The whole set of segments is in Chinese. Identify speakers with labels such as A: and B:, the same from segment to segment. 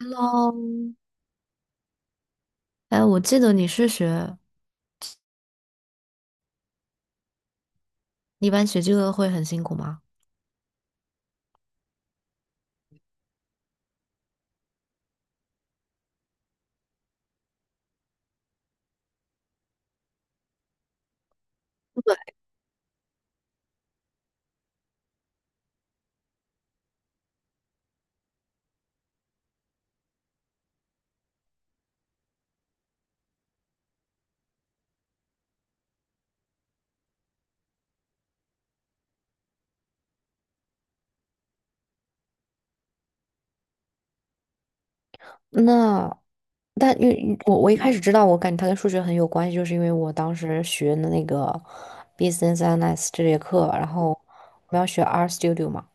A: Hello,哎，我记得你是学，你一般学这个会很辛苦吗？那，但因为我一开始知道，我感觉它跟数学很有关系，就是因为我当时学的那个 business analysis 这节课，然后我们要学 R Studio 嘛，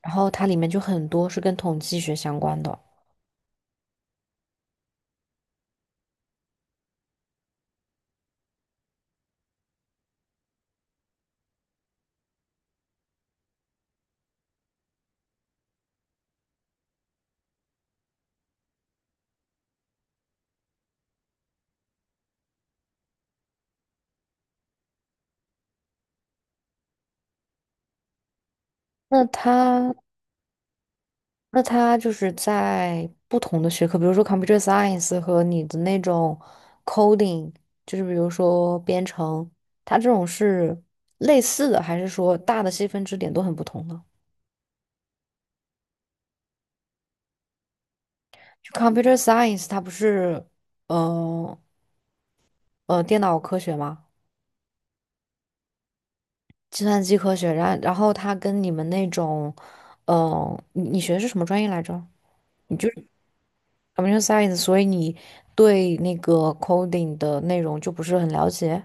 A: 然后它里面就很多是跟统计学相关的。那它那它就是在不同的学科，比如说 computer science 和你的那种 coding，就是比如说编程，它这种是类似的，还是说大的细分支点都很不同呢？就 computer science 它不是，呃电脑科学吗？计算机科学，然后它跟你们那种，你你学的是什么专业来着？你就是 computer science，所以你对那个 coding 的内容就不是很了解。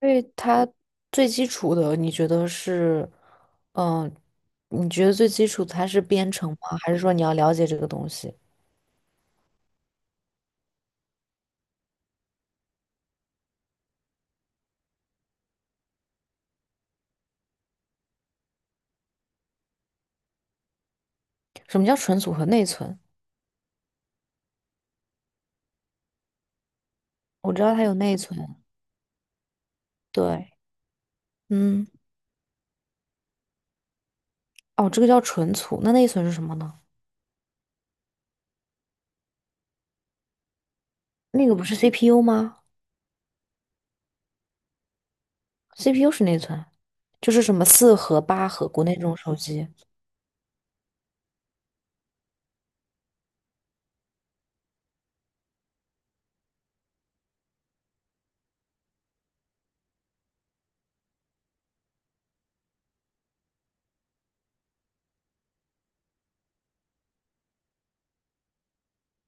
A: 因为它最基础的，你觉得是，嗯、你觉得最基础的它是编程吗？还是说你要了解这个东西？什么叫存储和内存？我知道它有内存。对。嗯。哦，这个叫存储，那内存是什么呢？那个不是 CPU 吗？CPU 是内存，就是什么四核、八核，国内这种手机。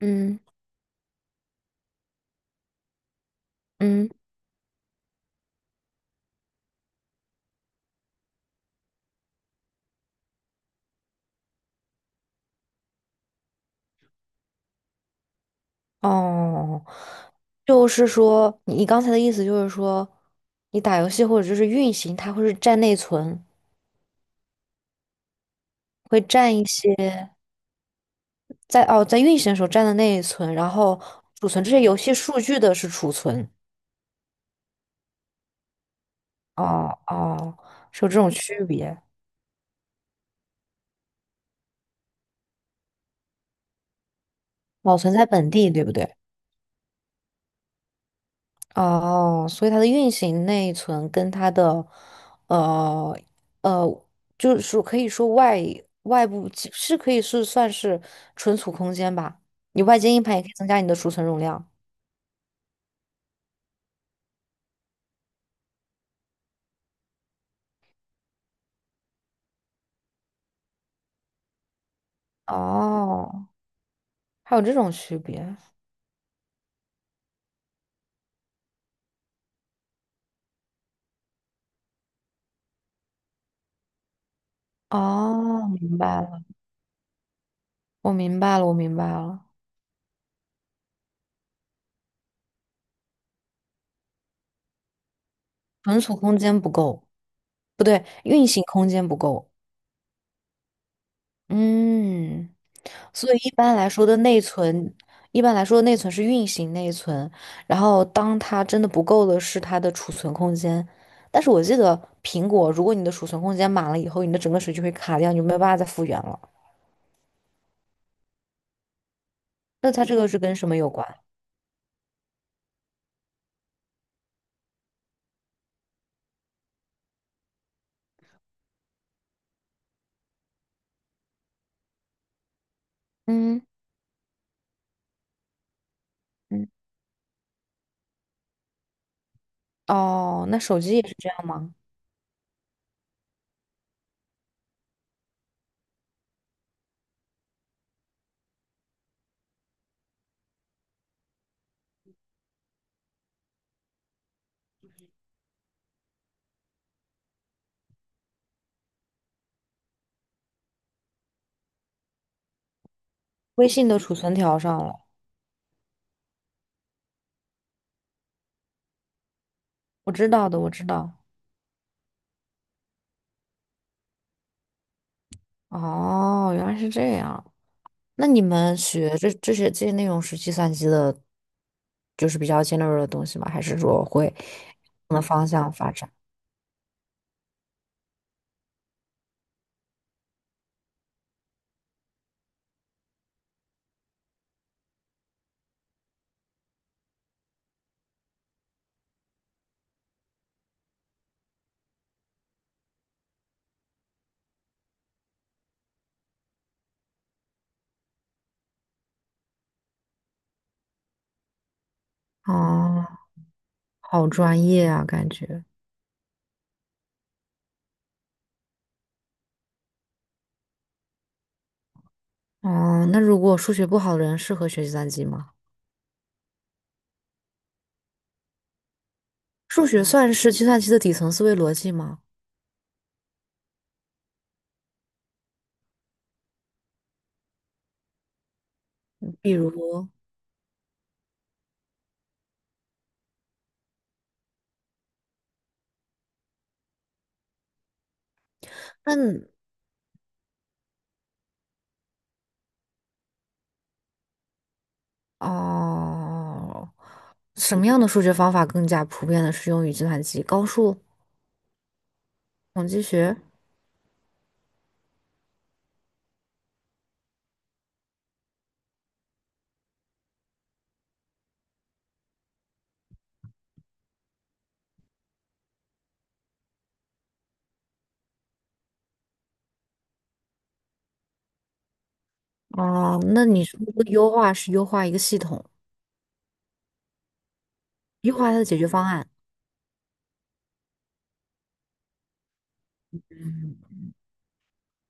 A: 嗯嗯。哦，就是说，你你刚才的意思就是说，你打游戏或者就是运行，它会是占内存。会占一些哦，在运行的时候占的内存，然后储存这些游戏数据的是储存。哦哦，是有这种区别。保存在本地，对不对？哦，所以它的运行内存跟它的呃呃，就是说可以说外部其是可以是算是存储空间吧。你外接硬盘也可以增加你的储存容量。哦，还有这种区别。哦，明白了，我明白了，我明白了。存储空间不够，不对，运行空间不够。嗯，所以一般来说的内存，一般来说的内存是运行内存，然后当它真的不够的是它的储存空间。但是我记得苹果，如果你的储存空间满了以后，你的整个手机会卡掉，你就没有办法再复原了。那它这个是跟什么有关？嗯嗯。哦，那手机也是这样吗？微信的储存条上了，我知道的，我知道。哦，原来是这样。那你们学这些这些内容是计算机的，就是比较尖锐的东西吗？还是说会往的方向发展？啊，好专业啊，感觉。哦，那如果数学不好的人适合学计算机吗？数学算是计算机的底层思维逻辑吗？比如，那哦，什么样的数学方法更加普遍的适用于计算机？高数、统计学？哦，那你是不是优化是优化一个系统，优化它的解决方案？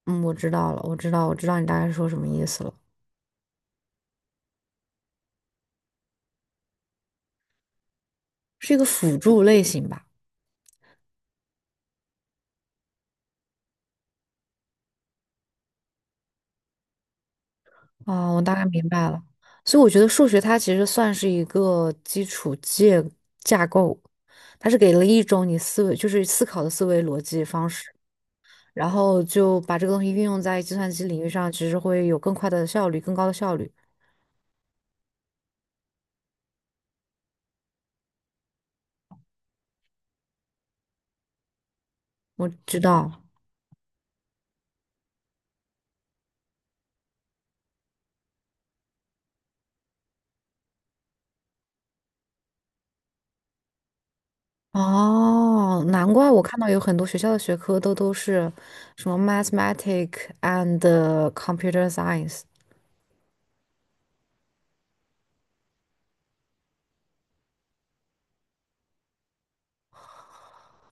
A: 嗯，我知道了，我知道，我知道你大概说什么意思了，是一个辅助类型吧？啊，我大概明白了。所以我觉得数学它其实算是一个基础建架构，它是给了一种你思维，就是思考的思维逻辑方式，然后就把这个东西运用在计算机领域上，其实会有更快的效率，更高的效率。我知道。哦，难怪我看到有很多学校的学科都是什么 mathematics and computer science。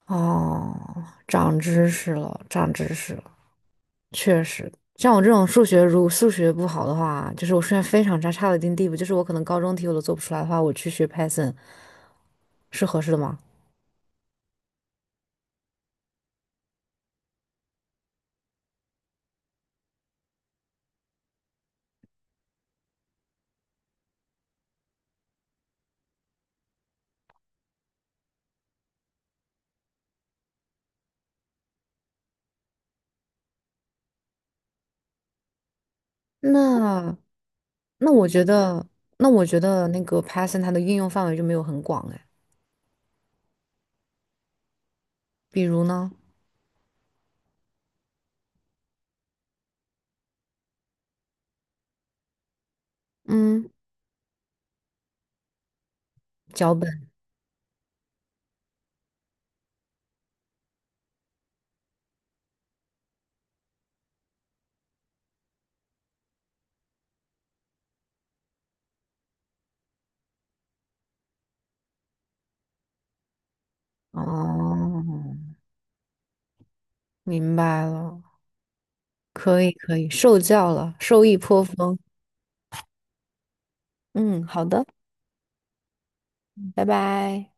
A: 哦，长知识了，长知识了，确实。像我这种数学，如果数学不好的话，就是我数学非常差，差到一定地步，就是我可能高中题我都做不出来的话，我去学 Python 是合适的吗？那那我觉得，那我觉得那个 Python 它的应用范围就没有很广哎，比如呢，嗯，脚本哦，明白了，可以可以，受教了，受益颇丰。嗯，好的，拜拜。